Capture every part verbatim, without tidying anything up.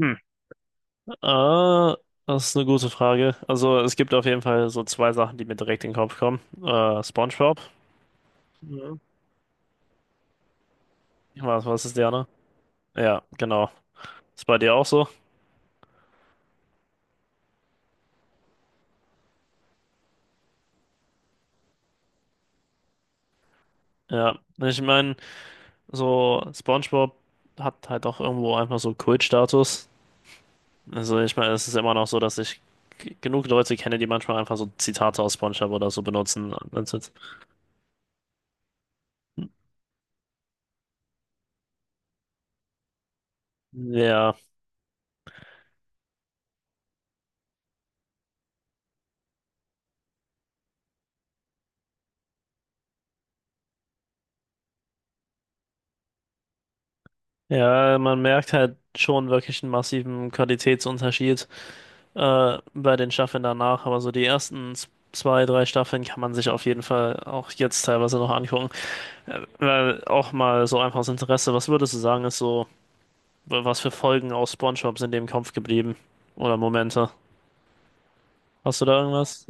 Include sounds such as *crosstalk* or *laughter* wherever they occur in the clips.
Hm. Äh, Das ist eine gute Frage. Also es gibt auf jeden Fall so zwei Sachen, die mir direkt in den Kopf kommen. Äh, SpongeBob. Ja. Was, was ist der, ne? Ja, genau. Ist bei dir auch so? Ja. Ich meine, so SpongeBob hat halt auch irgendwo einfach so Kultstatus. Also ich meine, es ist immer noch so, dass ich g- genug Leute kenne, die manchmal einfach so Zitate aus SpongeBob oder so benutzen. Und das- ist- Ja. Ja, man merkt halt schon wirklich einen massiven Qualitätsunterschied. Äh, bei den Staffeln danach, aber so die ersten z- zwei, drei Staffeln kann man sich auf jeden Fall auch jetzt teilweise noch angucken. Äh, weil auch mal so einfaches Interesse, was würdest du sagen, ist so, wa- was für Folgen aus SpongeBob sind dir im Kopf geblieben? Oder Momente? Hast du da irgendwas?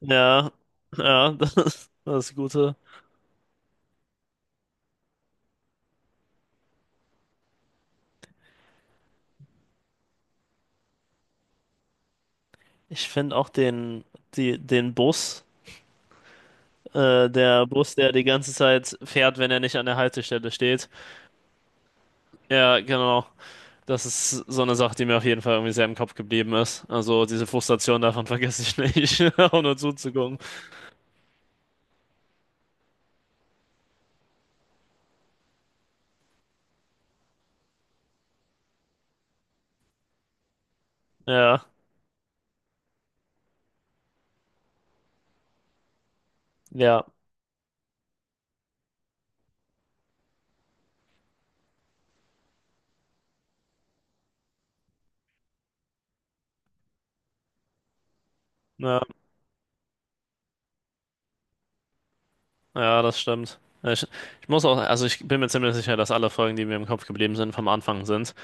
Ja, ja, *laughs* das ist das Gute. Ich finde auch den, die, den Bus, äh, der Bus, der die ganze Zeit fährt, wenn er nicht an der Haltestelle steht. Ja, genau. Das ist so eine Sache, die mir auf jeden Fall irgendwie sehr im Kopf geblieben ist. Also diese Frustration davon *laughs* vergesse ich nicht, *laughs* auch nur zuzugucken. Ja, ja, ja, ja, das stimmt. Ich, ich muss auch, also ich bin mir ziemlich sicher, dass alle Folgen, die mir im Kopf geblieben sind, vom Anfang sind.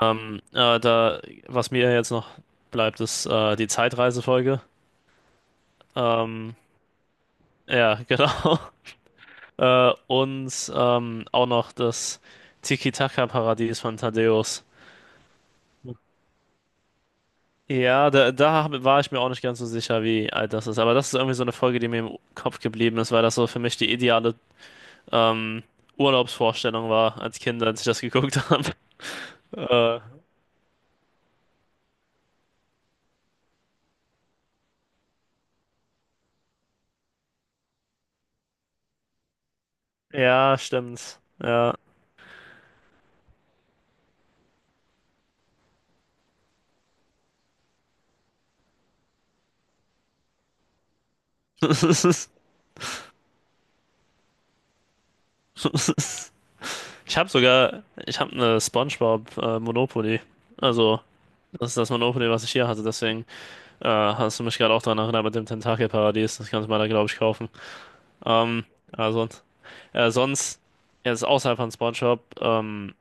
Ähm, äh, da, was mir jetzt noch bleibt, ist äh, die Zeitreisefolge. Ähm, ja, *laughs* genau. Äh, und ähm, auch noch das Tiki-Taka-Paradies von Thaddäus. Ja, da, da hab- war ich mir auch nicht ganz so sicher, wie alt das ist. Aber das ist irgendwie so eine Folge, die mir im Kopf geblieben ist, weil das so für mich die ideale ähm, Urlaubsvorstellung war als Kind, als ich das geguckt *laughs* habe. Äh, ja, stimmt. Ja. *laughs* Ich habe sogar, ich habe eine SpongeBob äh, Monopoly. Also, das ist das Monopoly, was ich hier hatte. Deswegen äh, hast du mich gerade auch daran erinnert mit dem Tentakelparadies. Das kannst du mal da, glaube ich, kaufen. Ähm, also. Ja, sonst, jetzt außerhalb von SpongeBob, ähm,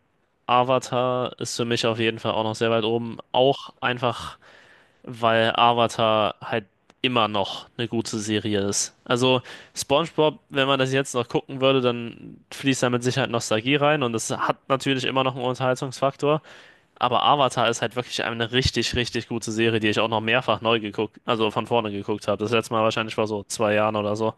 Avatar ist für mich auf jeden Fall auch noch sehr weit oben. Auch einfach, weil Avatar halt immer noch eine gute Serie ist. Also SpongeBob, wenn man das jetzt noch gucken würde, dann fließt da mit Sicherheit Nostalgie rein und das hat natürlich immer noch einen Unterhaltungsfaktor. Aber Avatar ist halt wirklich eine richtig, richtig gute Serie, die ich auch noch mehrfach neu geguckt, also von vorne geguckt habe. Das letzte Mal wahrscheinlich vor so zwei Jahren oder so.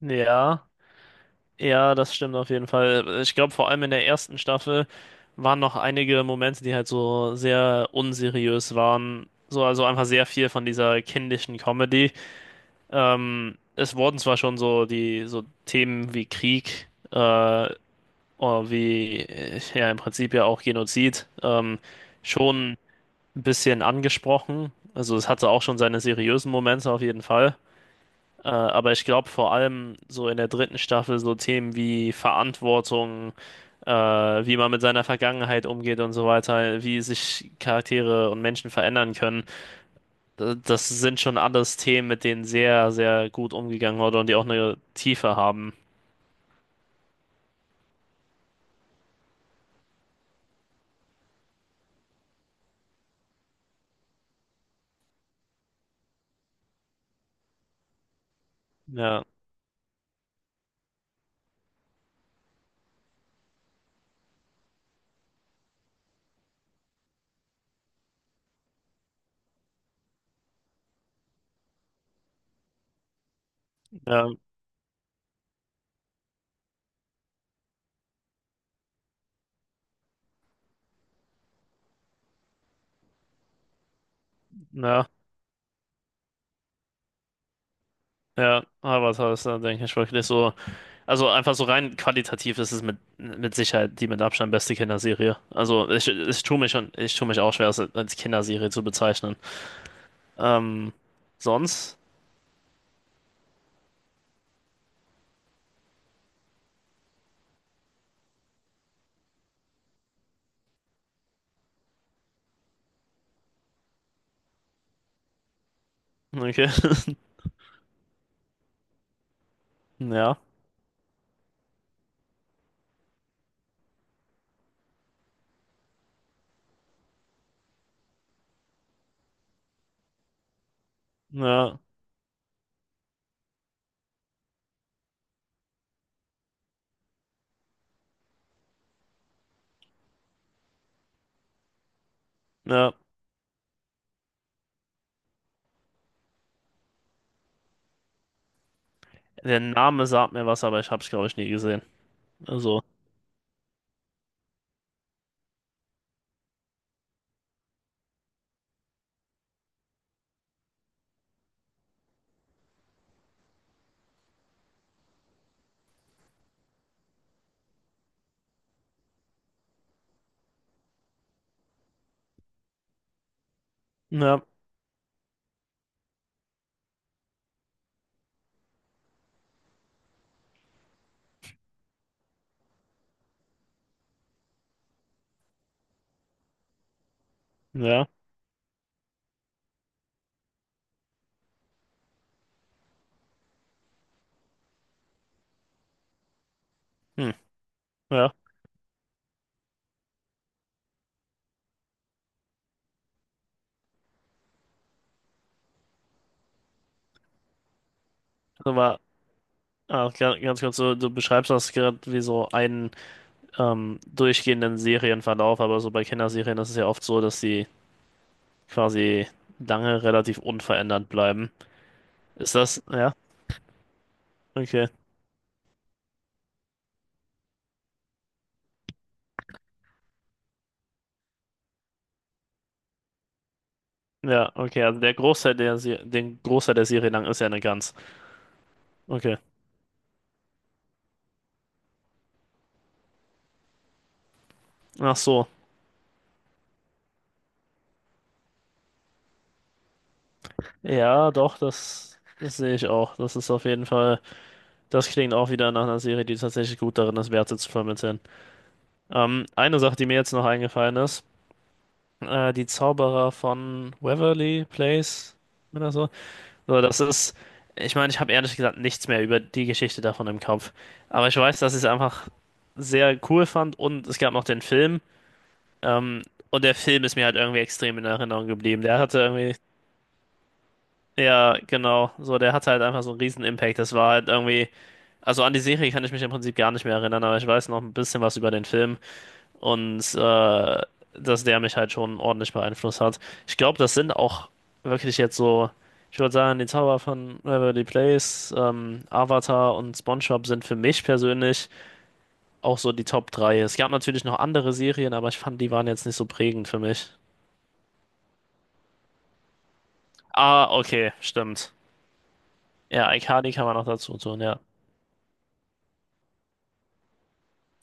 Ja. Ja, das stimmt auf jeden Fall. Ich glaube, vor allem in der ersten Staffel waren noch einige Momente, die halt so sehr unseriös waren. So, also einfach sehr viel von dieser kindischen Comedy. Ähm, es wurden zwar schon so die so Themen wie Krieg, äh, oder wie äh, ja im Prinzip ja auch Genozid, ähm, schon ein bisschen angesprochen. Also es hatte auch schon seine seriösen Momente auf jeden Fall. Äh, aber ich glaube vor allem so in der dritten Staffel so Themen wie Verantwortung, äh, wie man mit seiner Vergangenheit umgeht und so weiter, wie sich Charaktere und Menschen verändern können. d- Das sind schon alles Themen, mit denen sehr, sehr gut umgegangen wurde und die auch eine Tiefe haben. Ja, ja, ja, ja. Aber das ist dann, denke ich, wirklich so. Also einfach so rein qualitativ ist es mit, mit Sicherheit die mit Abstand beste Kinderserie. Also ich, ich tue mich schon, ich tue mich auch schwer, es als Kinderserie zu bezeichnen. Ähm, sonst? Okay. *laughs* Ja, ja, ja. Der Name sagt mir was, aber ich hab's, glaube ich, nie gesehen. Also, ja, ja, hm, ja. Aber ah, ga- ganz kurz, du, du beschreibst das gerade wie so einen ähm, durchgehenden Serienverlauf, aber so bei Kinderserien ist es ja oft so, dass die quasi lange relativ unverändert bleiben. Ist das, ja, okay. Ja, okay, also der Großteil der, Se- den Großteil der Serie lang ist ja eine Gans. Okay. Ach so. Ja, doch, das, das sehe ich auch. Das ist auf jeden Fall, das klingt auch wieder nach einer Serie, die tatsächlich gut darin ist, Werte zu vermitteln. Ähm, eine Sache, die mir jetzt noch eingefallen ist, äh, die Zauberer von Waverly Place oder so. So, das ist, ich meine, ich habe ehrlich gesagt nichts mehr über die Geschichte davon im Kopf. Aber ich weiß, dass ich es einfach sehr cool fand und es gab noch den Film. Ähm, und der Film ist mir halt irgendwie extrem in Erinnerung geblieben. Der hatte irgendwie, ja, genau, so, der hatte halt einfach so einen riesen Impact. Das war halt irgendwie. Also an die Serie kann ich mich im Prinzip gar nicht mehr erinnern, aber ich weiß noch ein bisschen was über den Film und äh, dass der mich halt schon ordentlich beeinflusst hat. Ich glaube, das sind auch wirklich jetzt so, ich würde sagen, die Zauber von Waverly Place, ähm, Avatar und SpongeBob sind für mich persönlich auch so die Top drei. Es gab natürlich noch andere Serien, aber ich fand, die waren jetzt nicht so prägend für mich. Ah, okay, stimmt. Ja, iCarly kann man noch dazu tun, ja.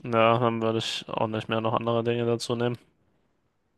Ja, dann würde ich auch nicht mehr noch andere Dinge dazu nehmen.